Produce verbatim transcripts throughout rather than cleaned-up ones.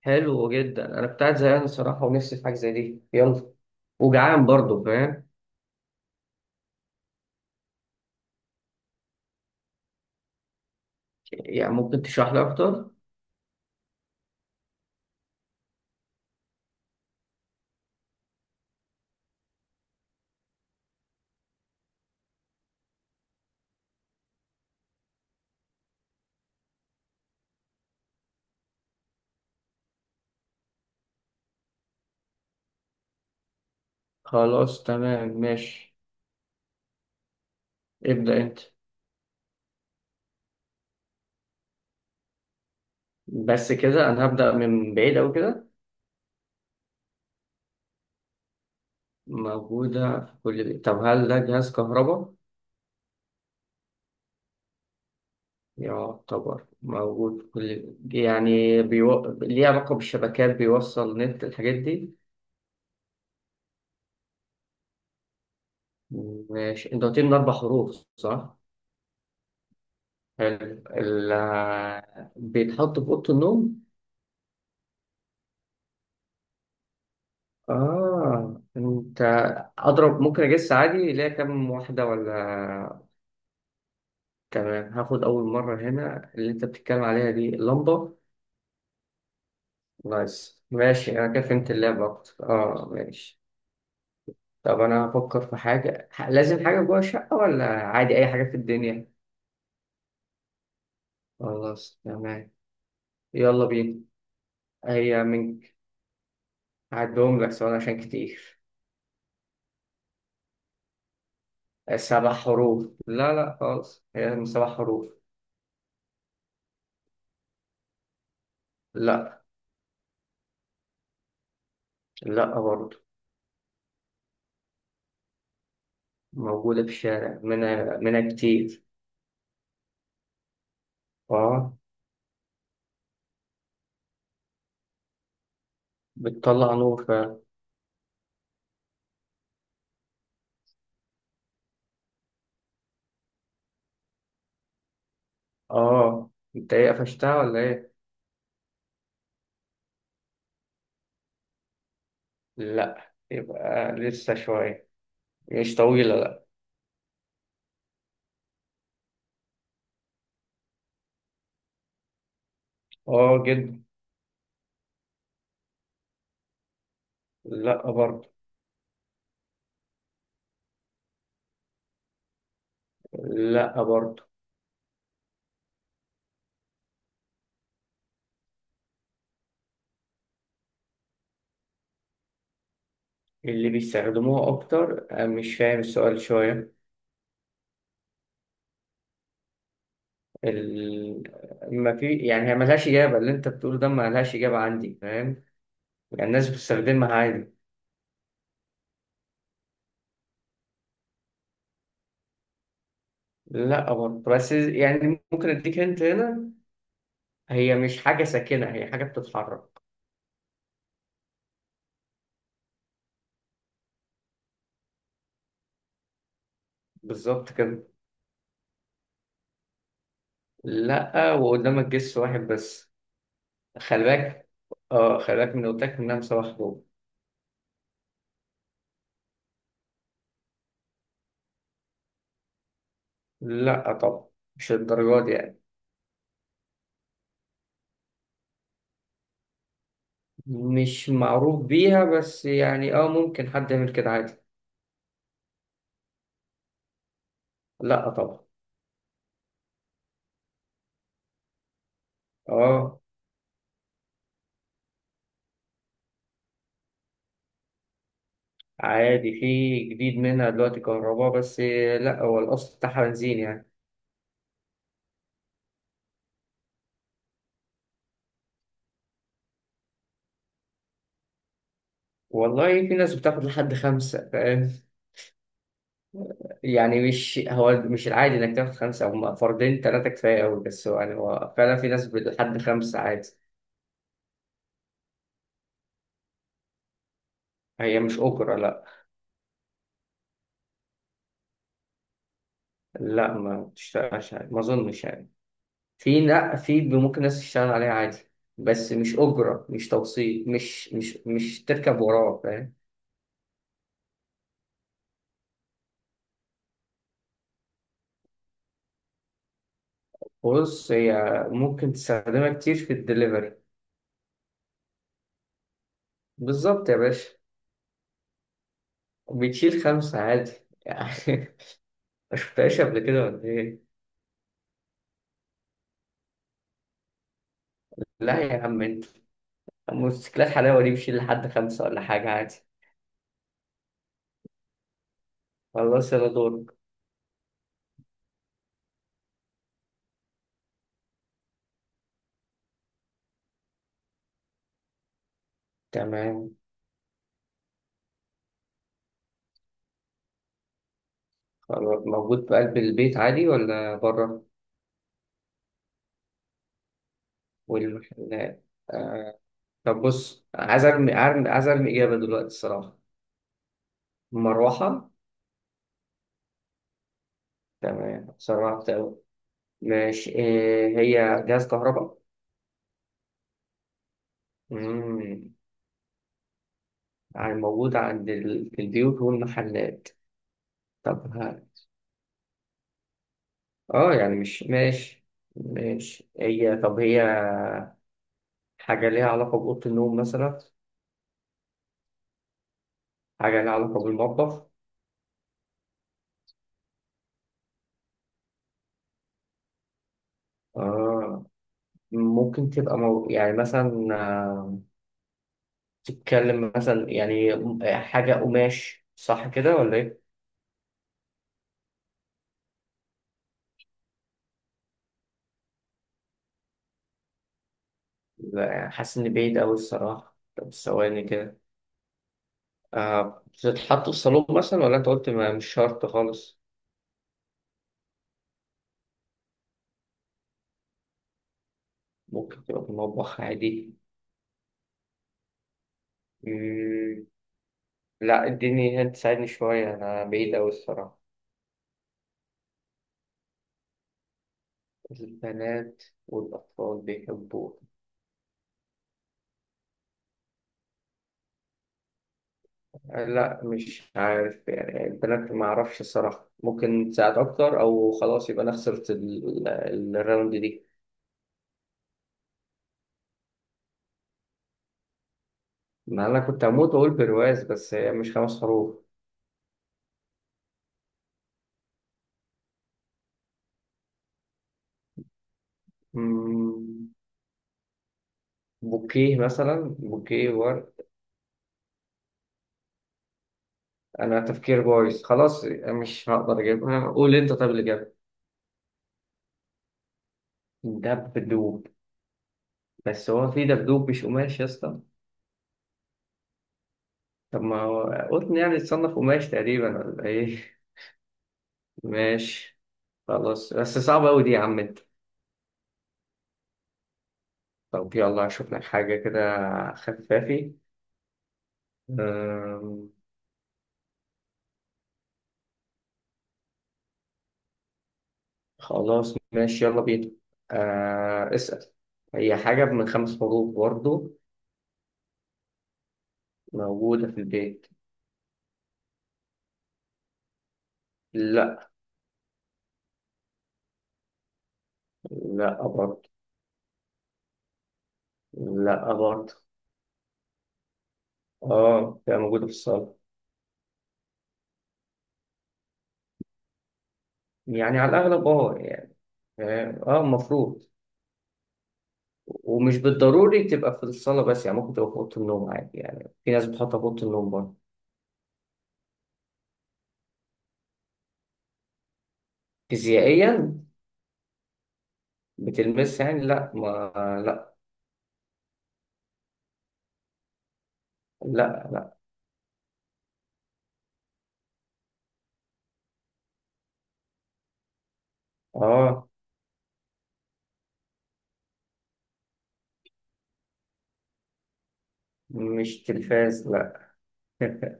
حلو جدا، انا كنت قاعد زهقان الصراحه ونفسي في حاجه زي دي. يلا. وجعان برضه، فاهم؟ يعني ممكن تشرح لي اكتر؟ خلاص تمام ماشي. ابدا انت. بس كده انا هبدا من بعيد او كده. موجوده في كل بيت؟ طب هل ده جهاز كهرباء؟ يعتبر موجود في كل بيت. يعني بيو... ليه علاقه بالشبكات؟ بيوصل نت الحاجات دي؟ ماشي، انت قلت لي من اربع حروف، صح؟ حلو. ال... بيتحط في اوضه النوم؟ آه أنت. أضرب، ممكن أجس عادي ليها كام واحدة ولا؟ تمام، هاخد أول مرة. هنا اللي أنت بتتكلم عليها دي اللمبة. نايس ماشي، أنا كده فهمت اللعبة أكتر. آه ماشي. طب أنا هفكر في حاجة، ح- لازم حاجة جوه الشقة ولا عادي أي حاجة في الدنيا؟ خلاص تمام. يلا بينا. هي من... هعدهم لك سؤال عشان كتير. سبع حروف. لا لا خالص، هي من سبع حروف. لا. لا برضه. موجودة في الشارع، منها منها كتير. اه. بتطلع نور فعلا. اه. انت ايه، قفشتها ولا ايه؟ لا يبقى لسه شوية. مش طويلة لا. اه جدا. لا برضه. لا برضه. اللي بيستخدموها أكتر؟ آه، مش فاهم السؤال شوية. ال... ما في يعني، هي ملهاش إجابة، اللي أنت بتقوله ده ملهاش إجابة عندي، فاهم؟ يعني الناس بتستخدمها عادي. لا برضه، بس يعني ممكن أديك هنت هنا. هي مش حاجة ساكنة، هي حاجة بتتحرك. بالظبط كده. لا، وقدامك جيش واحد بس. خلي بالك. اه خلي بالك، من قلت لك انها مسابقة حروب. لا طبعا. مش الدرجات دي يعني. مش معروف بيها بس يعني، اه ممكن حد يعمل كده عادي. لا طبعا. اه عادي، في جديد منها دلوقتي كهرباء بس. لا هو الاصل بتاعها بنزين يعني. والله في ناس بتاخد لحد خمسة، فاهم؟ يعني مش هو، مش العادي انك تاخد خمسة، هم فردين تلاتة كفاية أوي، بس هو يعني هو فعلا في ناس لحد خمسة عادي. هي مش اوبرا لا. لا، ما بتشتغلش عادي، ما اظنش يعني. في، لا في ممكن ناس تشتغل عليها عادي. بس مش اوبرا، مش توصيل، مش مش مش تركب وراه، فاهم؟ بص هي ممكن تستخدمها كتير في الدليفري. بالظبط يا باشا. بتشيل خمسة عادي يعني. ما شفتهاش قبل كده ولا ايه؟ لا يا عم انت، موتوسيكلات حلاوة دي بتشيل لحد خمسة ولا حاجة عادي. خلاص يلا دورك. تمام. خلاص، موجود في قلب البيت عادي ولا بره؟ والمحلات. طب بص، عايز ارمي، ارمي، عايز ارمي اجابه دلوقتي الصراحه. مروحه. تمام، سرعت أوي. ماشي، إيه هي جهاز كهرباء؟ امم يعني موجود عند ال... في البيوت والمحلات. طب ها. اه يعني مش ماشي. ماشي. هي، طب هي حاجه ليها علاقه باوضه النوم مثلا؟ حاجه ليها علاقه بالمطبخ؟ اه. ممكن تبقى مو... يعني مثلا، آه، تتكلم مثلا يعني، آه، حاجه قماش، صح كده ولا ايه؟ لا يعني حاسس إن بعيد أوي الصراحة، طب ثواني كده. آه بتتحط في الصالون مثلا ولا أنت قلت ما مش شرط خالص؟ ممكن تبقى في المطبخ عادي. مم. لا اديني هنت، ساعدني شوية، أنا بعيد أوي الصراحة. البنات والأطفال بيحبوه؟ آه، لا مش عارف يعني، البنات ما أعرفش الصراحة، ممكن تساعد أكتر أو خلاص يبقى أنا خسرت ال- ال- الراوند دي. ما أنا كنت هموت وأقول برواز، بس هي مش خمس حروف. مم. بوكيه مثلا، بوكيه ورد. انا تفكير بايظ خلاص، مش هقدر اجيبها، قول انت، طب اللي جاب؟ دبدوب. بس هو في دبدوب مش قماش يا اسطى؟ طب ما هو قطن يعني، تصنف قماش تقريبا ولا ايه؟ ماشي. خلاص، بس صعبة أوي دي يا عم انت. طب يلا هشوف لك حاجة كده. خفافي. أم، خلاص ماشي، يلا بينا. أه اسأل. هي حاجة من خمس حروف برضه. موجودة في البيت. لا. لا برضه. لا برضه. اه بتبقى موجودة في الصالة. يعني على الأغلب اه يعني، فاهم؟ اه المفروض. ومش بالضروري تبقى في الصالة بس، يعني ممكن تبقى في أوضة النوم عادي، يعني في ناس بتحطها في أوضة النوم برضه. فيزيائيا. بتلمس يعني، لا ما. لا. لا. لا اه. مش تلفاز لا.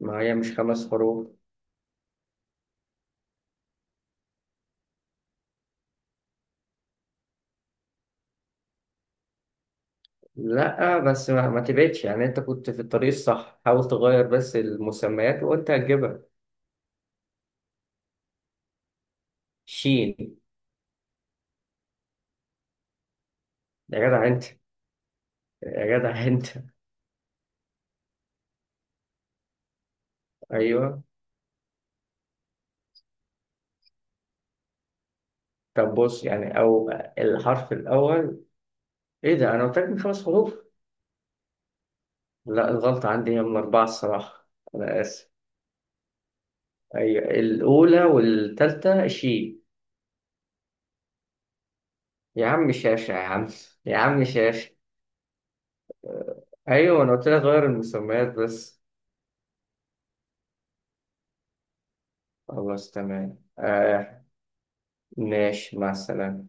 ما هي مش خمس حروف. لا، بس ما, ما تبعدش يعني، انت كنت في الطريق الصح، حاول تغير بس المسميات وانت هتجيبها. شين. يا جدع انت، يا جدع انت. ايوه. طب بص يعني، أو الحرف الأول. إيه ده، أنا قلت لك من خمس حروف؟ لا الغلطة عندي، هي من أربعة الصراحة. أنا آسف. أيوة، الأولى والتالتة شي. يا عم شاشة يا عم، يا عم شاشة. أيوة، أنا قلت لك غير المسميات بس. خلاص تمام آه. ماشي مع السلامة.